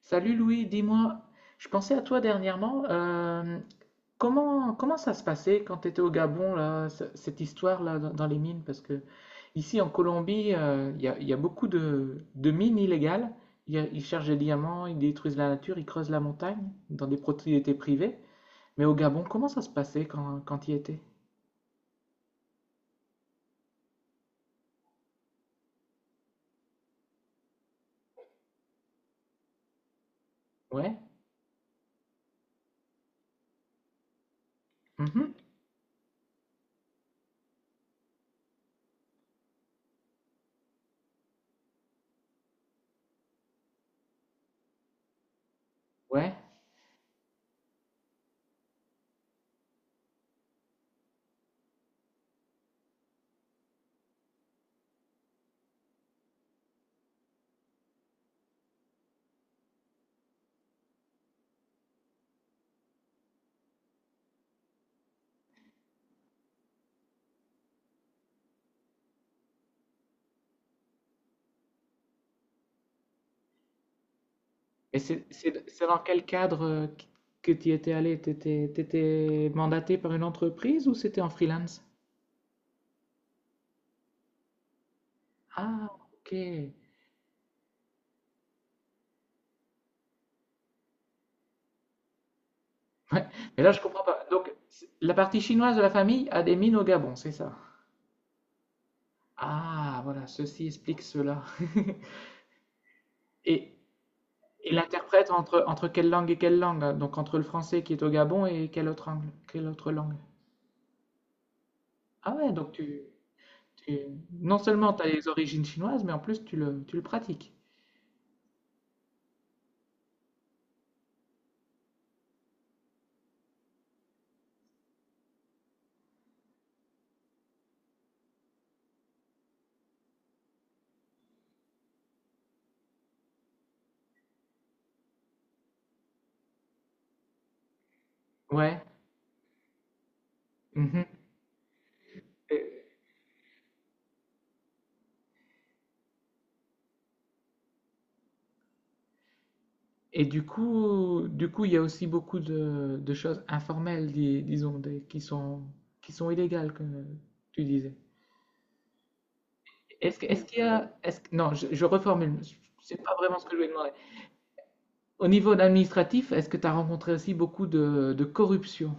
Salut Louis, dis-moi, je pensais à toi dernièrement. Comment ça se passait quand tu étais au Gabon, là, cette histoire-là dans les mines? Parce que ici en Colombie, il y a beaucoup de mines illégales. Ils cherchent des diamants, ils détruisent la nature, ils creusent la montagne dans des propriétés privées. Mais au Gabon, comment ça se passait quand tu y étais? Ouais? Mhm. Ouais. Et c'est dans quel cadre que tu y étais allé? T'étais mandaté par une entreprise ou c'était en freelance? Ah, OK. Ouais, mais là, je comprends pas. Donc, c'est- la partie chinoise de la famille a des mines au Gabon, c'est ça? Ah, voilà, ceci explique cela. Et, et l'interprète entre quelle langue et quelle langue? Hein. Donc, entre le français qui est au Gabon et quelle autre langue? Quelle autre langue? Ah ouais, tu- non seulement tu as les origines chinoises, mais en plus, tu le pratiques. Ouais. Mhm. Et du coup, il y a aussi beaucoup de choses informelles, disons, qui qui sont illégales, comme tu disais. Est-ce que- est-ce qu'il y a, est-ce que- non, je reformule, c'est pas vraiment ce que je voulais demander. Au niveau administratif, est-ce que tu as rencontré aussi beaucoup de corruption?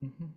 Mhm.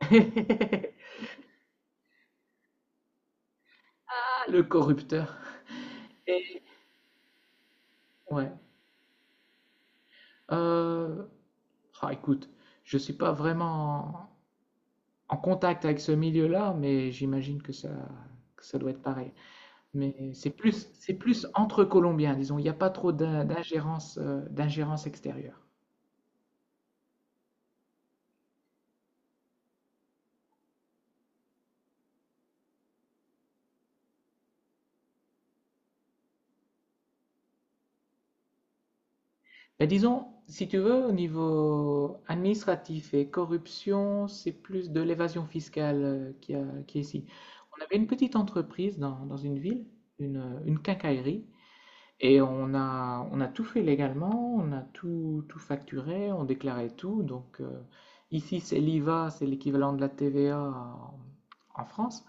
Ah, le corrupteur. Ouais. Euh, ah, écoute, je suis pas vraiment en contact avec ce milieu-là, mais j'imagine que ça doit être pareil. Mais c'est plus entre Colombiens, disons. Il n'y a pas trop d'ingérence, d'ingérence extérieure. Ben, disons, si tu veux, au niveau administratif et corruption, c'est plus de l'évasion fiscale qui est ici. On avait une petite entreprise dans une ville, une quincaillerie, et on a tout fait légalement, on a tout, tout facturé, on déclarait tout. Donc ici, c'est l'IVA, c'est l'équivalent de la TVA en France.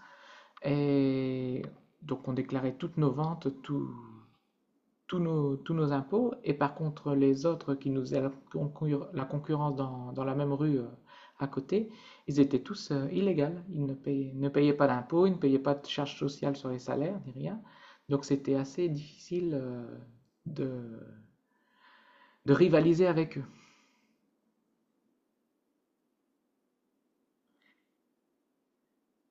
Et donc on déclarait toutes nos ventes, tout, tous nos impôts. Et par contre, les autres qui nous faisaient la, concurrence dans la même rue à côté, ils étaient tous illégaux. Ils ne payaient, ne payaient pas d'impôts, ils ne payaient pas de charges sociales sur les salaires, ni rien. Donc c'était assez difficile de, de rivaliser avec eux.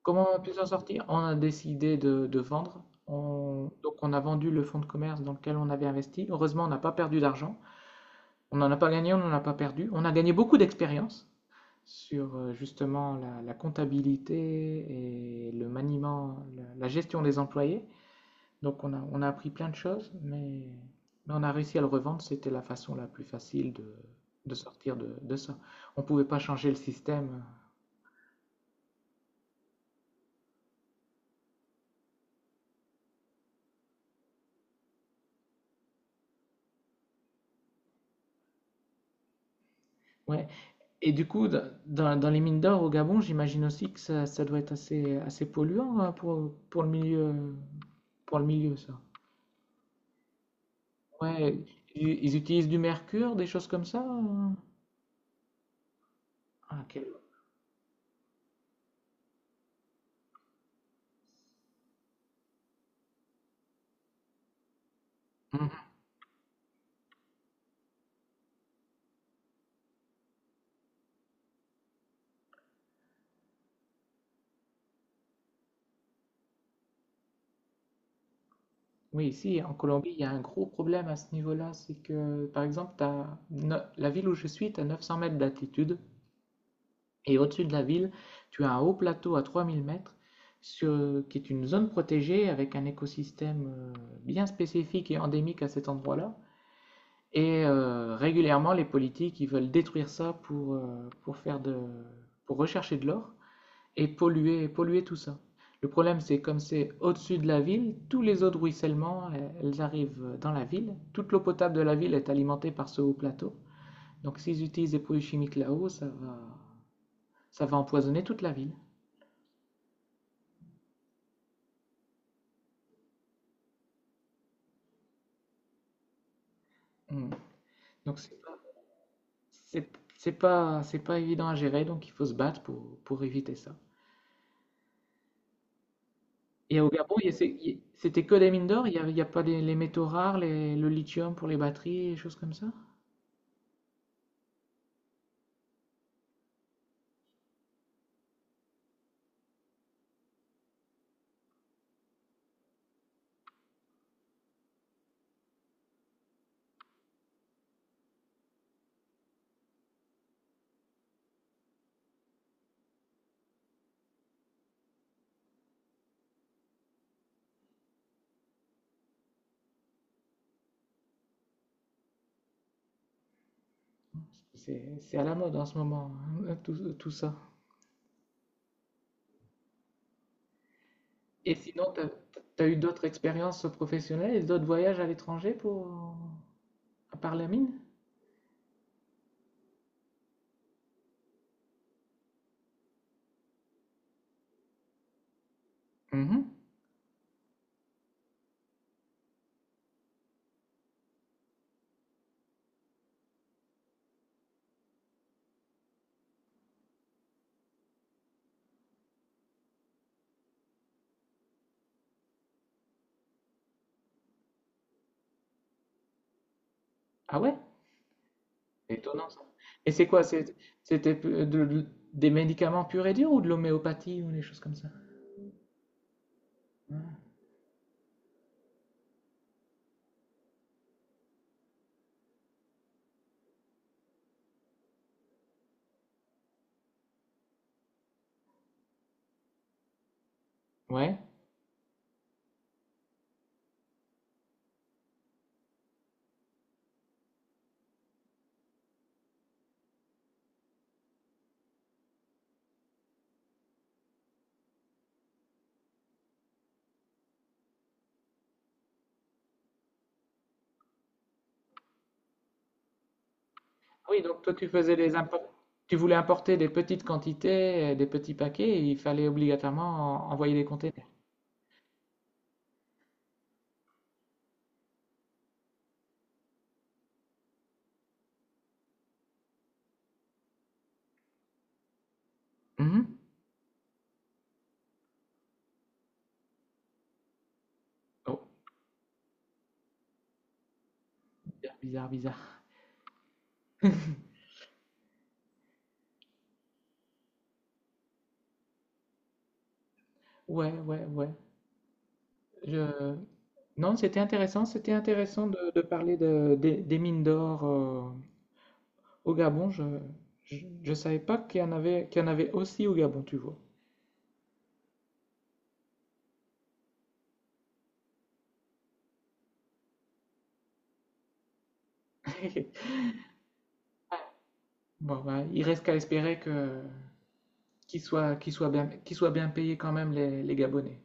Comment on a pu s'en sortir? On a décidé de vendre. Donc on a vendu le fonds de commerce dans lequel on avait investi. Heureusement, on n'a pas perdu d'argent. On n'en a pas gagné, on n'en a pas perdu. On a gagné beaucoup d'expérience sur justement la comptabilité et le maniement, la gestion des employés. Donc on a appris plein de choses, mais on a réussi à le revendre. C'était la façon la plus facile de sortir de ça. On ne pouvait pas changer le système. Ouais. Et dans les mines d'or au Gabon, j'imagine aussi que ça doit être assez polluant hein, pour le milieu, ça. Ouais, ils utilisent du mercure, des choses comme ça, hein. Ah, quel… Mhm. Oui, ici en Colombie, il y a un gros problème à ce niveau-là, c'est que par exemple, t'as la ville où je suis, tu as 900 mètres d'altitude, et au-dessus de la ville, tu as un haut plateau à 3000 mètres, sur- qui est une zone protégée avec un écosystème bien spécifique et endémique à cet endroit-là. Et régulièrement, les politiques, ils veulent détruire ça pour faire pour rechercher de l'or et polluer tout ça. Le problème, c'est comme c'est au-dessus de la ville, tous les eaux de ruissellement, elles arrivent dans la ville. Toute l'eau potable de la ville est alimentée par ce haut plateau. Donc s'ils utilisent des produits chimiques là-haut, ça va empoisonner toute la ville. Mm. Donc c'est, c'est pas évident à gérer, donc il faut se battre pour éviter ça. Et au Gabon, il y a- c'est- il- c'était que des mines d'or, il y a pas des- les métaux rares, les- le lithium pour les batteries, et choses comme ça. C'est à la mode en ce moment, hein, tout, tout ça. Et sinon, t'as eu d'autres expériences professionnelles et d'autres voyages à l'étranger pour… à part la mine? Mhm. Ah ouais? Étonnant ça. Et c'est quoi? C'était de- de- des médicaments purs et durs ou de l'homéopathie ou des choses comme ça? Ouais. Ah oui, donc toi tu faisais tu voulais importer des petites quantités, des petits paquets, et il fallait obligatoirement envoyer des containers. Mhm. Oh, bizarre, bizarre, bizarre. Ouais, ouais, ouais. Je- non, c'était intéressant. C'était intéressant de parler des des mines d'or au Gabon. Je, je savais pas qu'il y en avait, qu'il y en avait aussi au Gabon, tu vois. Bon, bah, il reste qu'à espérer que qu'ils soient bien payés quand même les Gabonais.